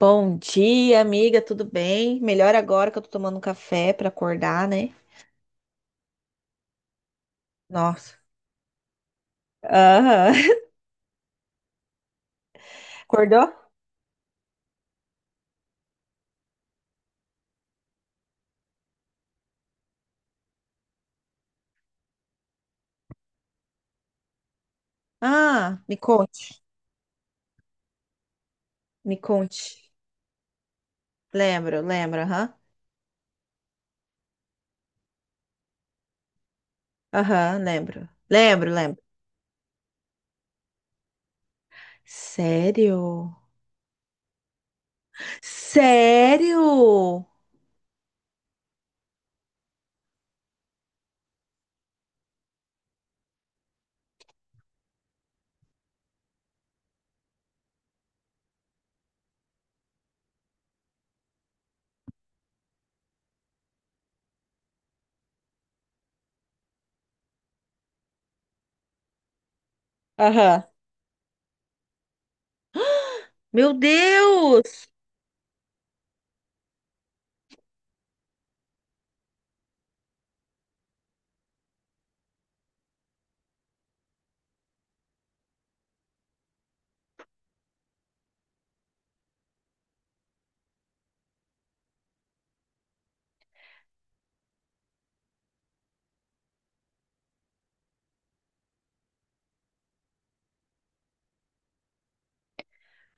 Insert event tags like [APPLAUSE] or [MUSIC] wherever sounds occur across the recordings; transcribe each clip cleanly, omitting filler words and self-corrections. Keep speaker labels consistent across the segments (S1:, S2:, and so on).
S1: Bom dia, amiga, tudo bem? Melhor agora que eu tô tomando um café pra acordar, né? Nossa. Aham. [LAUGHS] Acordou? Ah, me conte, me conte. Lembro, lembro, aham. Aham, lembro. Lembro, lembro. Sério? Sério? Aham. Meu Deus!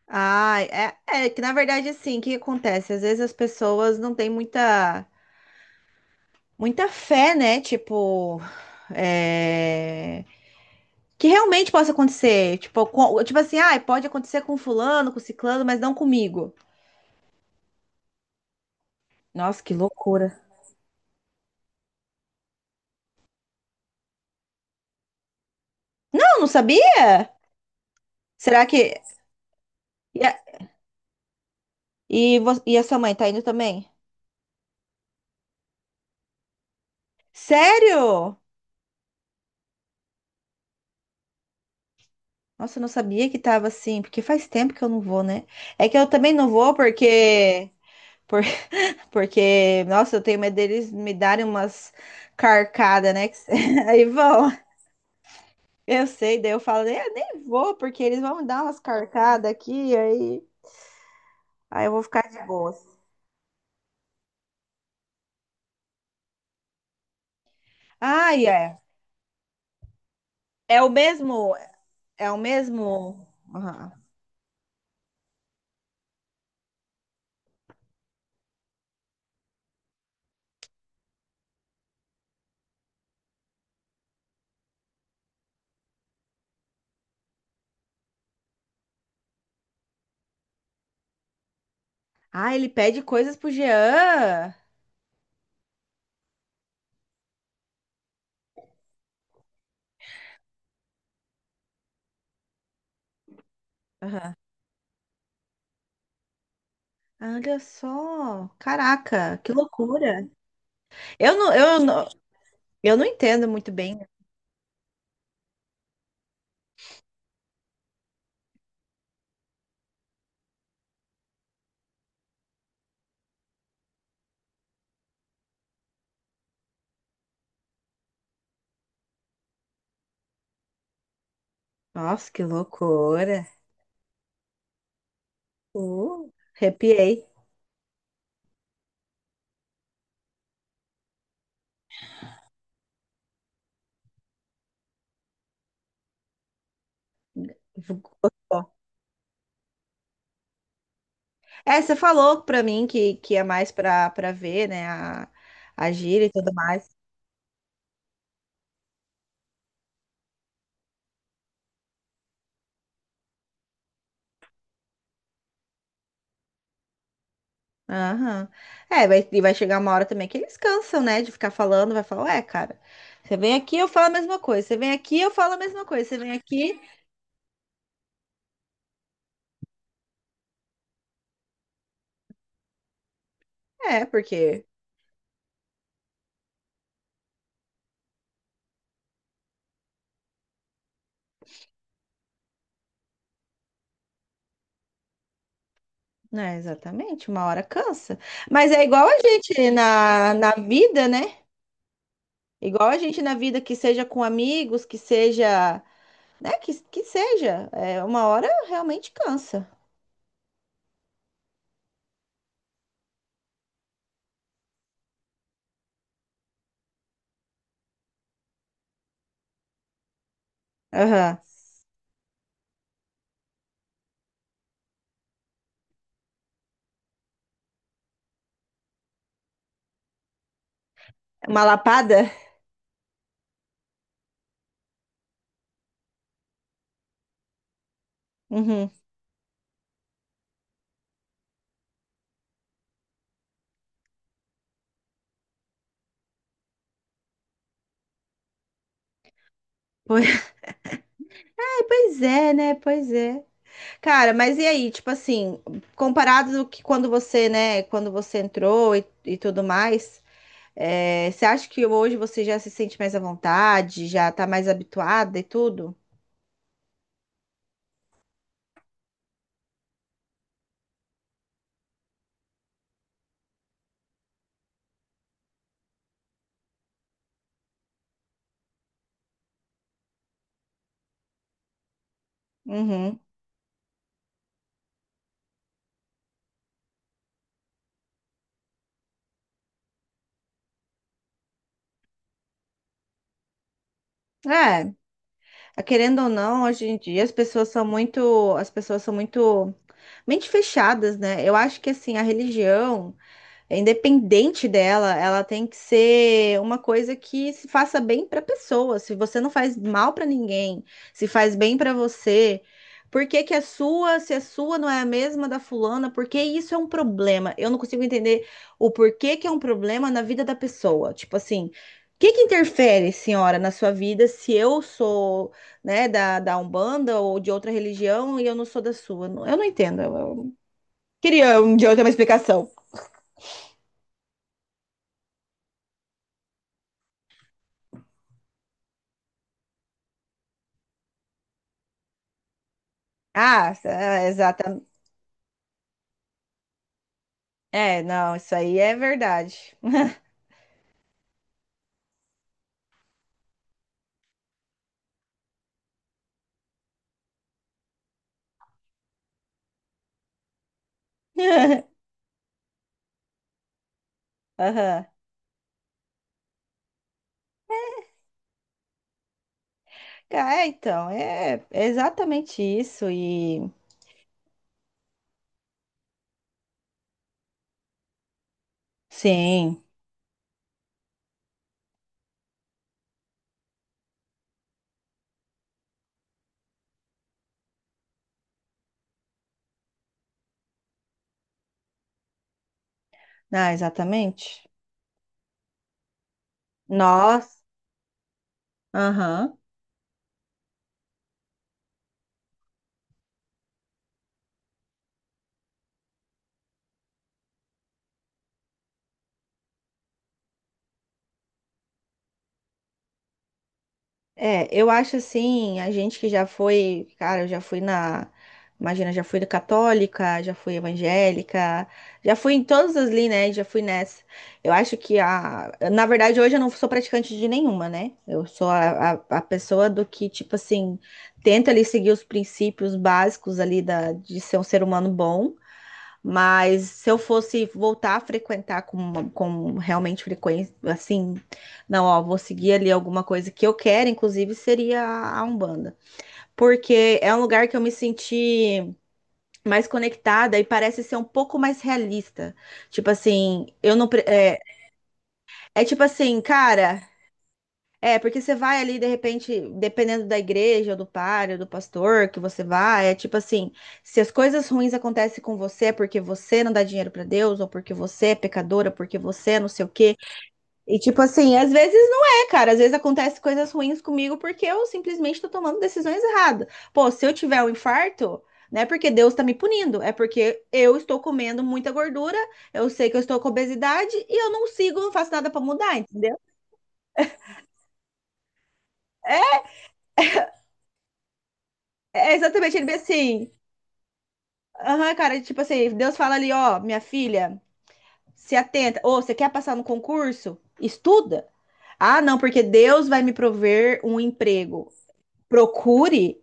S1: Ai, é que na verdade assim, o que que acontece? Às vezes as pessoas não têm muita, muita fé, né? Tipo, é, que realmente possa acontecer. Tipo, tipo assim, ah, pode acontecer com fulano, com ciclano, mas não comigo. Nossa, que loucura. Não, não sabia? Será que. E a, e a sua mãe tá indo também? Sério? Nossa, eu não sabia que tava assim, porque faz tempo que eu não vou, né? É que eu também não vou porque. por- [LAUGHS] Porque, nossa, eu tenho medo deles me darem umas carcadas, né? que se- [LAUGHS] Aí vão. Eu sei, daí eu falo, "É, nem vou, porque eles vão me dar umas carcadas aqui, aí. Aí eu vou ficar de boas. Ah, é. É o mesmo. É o mesmo. Aham. Ah, ele pede coisas pro Jean. Aham. Olha só. Caraca, que loucura. Eu não, eu não, eu não entendo muito bem. Nossa, que loucura. Arrepiei. Gostou. É, você falou pra mim que, é mais pra, ver, né? a gíria e tudo mais. Aham. É, e vai chegar uma hora também que eles cansam, né, de ficar falando, vai falar, ué, cara, você vem aqui, eu falo a mesma coisa, você vem aqui, eu falo a mesma coisa, você vem aqui, é, porque, né, exatamente, uma hora cansa. Mas é igual a gente na vida, né? Igual a gente na vida, que seja com amigos, que seja, né, que seja, é, uma hora realmente cansa. Aham. É uma lapada? Uhum. Pois, [LAUGHS] pois é, né, pois é. Cara, mas e aí, tipo assim, comparado do que quando você, né, quando você entrou e tudo mais, é, você acha que hoje você já se sente mais à vontade, já tá mais habituada e tudo? Uhum. É, querendo ou não, hoje em dia as pessoas são muito mente fechadas, né? Eu acho que assim, a religião é independente dela, ela tem que ser uma coisa que se faça bem para a pessoa. Se você não faz mal para ninguém, se faz bem para você, por que que a sua, se a sua não é a mesma da fulana, por que isso é um problema? Eu não consigo entender o porquê que é um problema na vida da pessoa. Tipo assim, o que que interfere, senhora, na sua vida se eu sou, né, da, Umbanda ou de outra religião e eu não sou da sua? Eu não entendo. Eu queria um dia eu ter uma explicação. Ah, é, exatamente. É, não, isso aí é verdade. [LAUGHS] Aham. É, então, é exatamente isso. E sim, ah, exatamente. Nós, aham. É, eu acho assim, a gente que já foi, cara, eu já fui na, imagina, já fui católica, já fui evangélica, já fui em todas as linhas, né? Já fui nessa. Eu acho que a, na verdade, hoje eu não sou praticante de nenhuma, né? Eu sou a, a pessoa do que, tipo assim, tenta ali seguir os princípios básicos ali de ser um ser humano bom. Mas se eu fosse voltar a frequentar com realmente frequência, assim, não, ó, vou seguir ali alguma coisa que eu quero, inclusive seria a Umbanda. Porque é um lugar que eu me senti mais conectada e parece ser um pouco mais realista. Tipo assim, eu não. É, tipo assim, cara. É, porque você vai ali, de repente, dependendo da igreja, ou do padre, ou do pastor que você vai, é tipo assim, se as coisas ruins acontecem com você é porque você não dá dinheiro pra Deus, ou porque você é pecadora, porque você é não sei o quê. E tipo assim, às vezes não é, cara. Às vezes acontecem coisas ruins comigo porque eu simplesmente tô tomando decisões erradas. Pô, se eu tiver um infarto, não é porque Deus tá me punindo, é porque eu estou comendo muita gordura, eu sei que eu estou com obesidade e eu não sigo, não faço nada pra mudar, entendeu? É é, exatamente, ele bem assim. Aham, cara, tipo assim, Deus fala ali, ó, minha filha, se atenta. Ou você quer passar no concurso? Estuda. Ah, não, porque Deus vai me prover um emprego. Procure.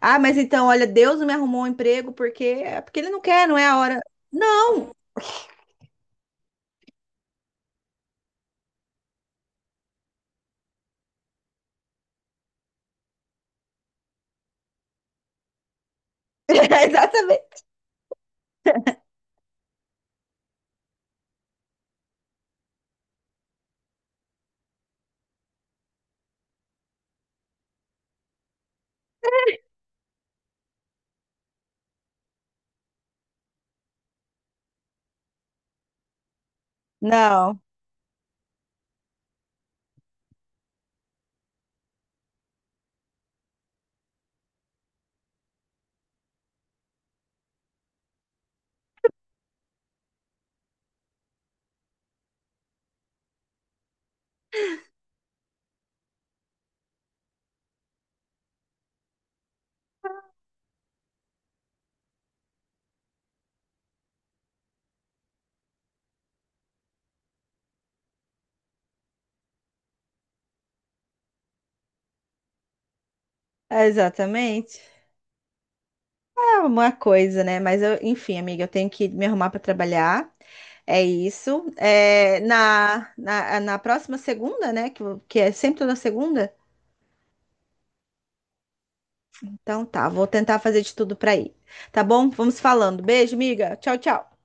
S1: Ah, mas então, olha, Deus não me arrumou um emprego porque é porque ele não quer, não é a hora. Não, [LAUGHS] Exatamente. Não, exatamente. É uma coisa, né? Mas eu, enfim, amiga, eu tenho que me arrumar para trabalhar. É isso. É, na, na próxima segunda, né? Que é sempre toda segunda. Então tá, vou tentar fazer de tudo para ir. Tá bom? Vamos falando. Beijo, miga. Tchau, tchau.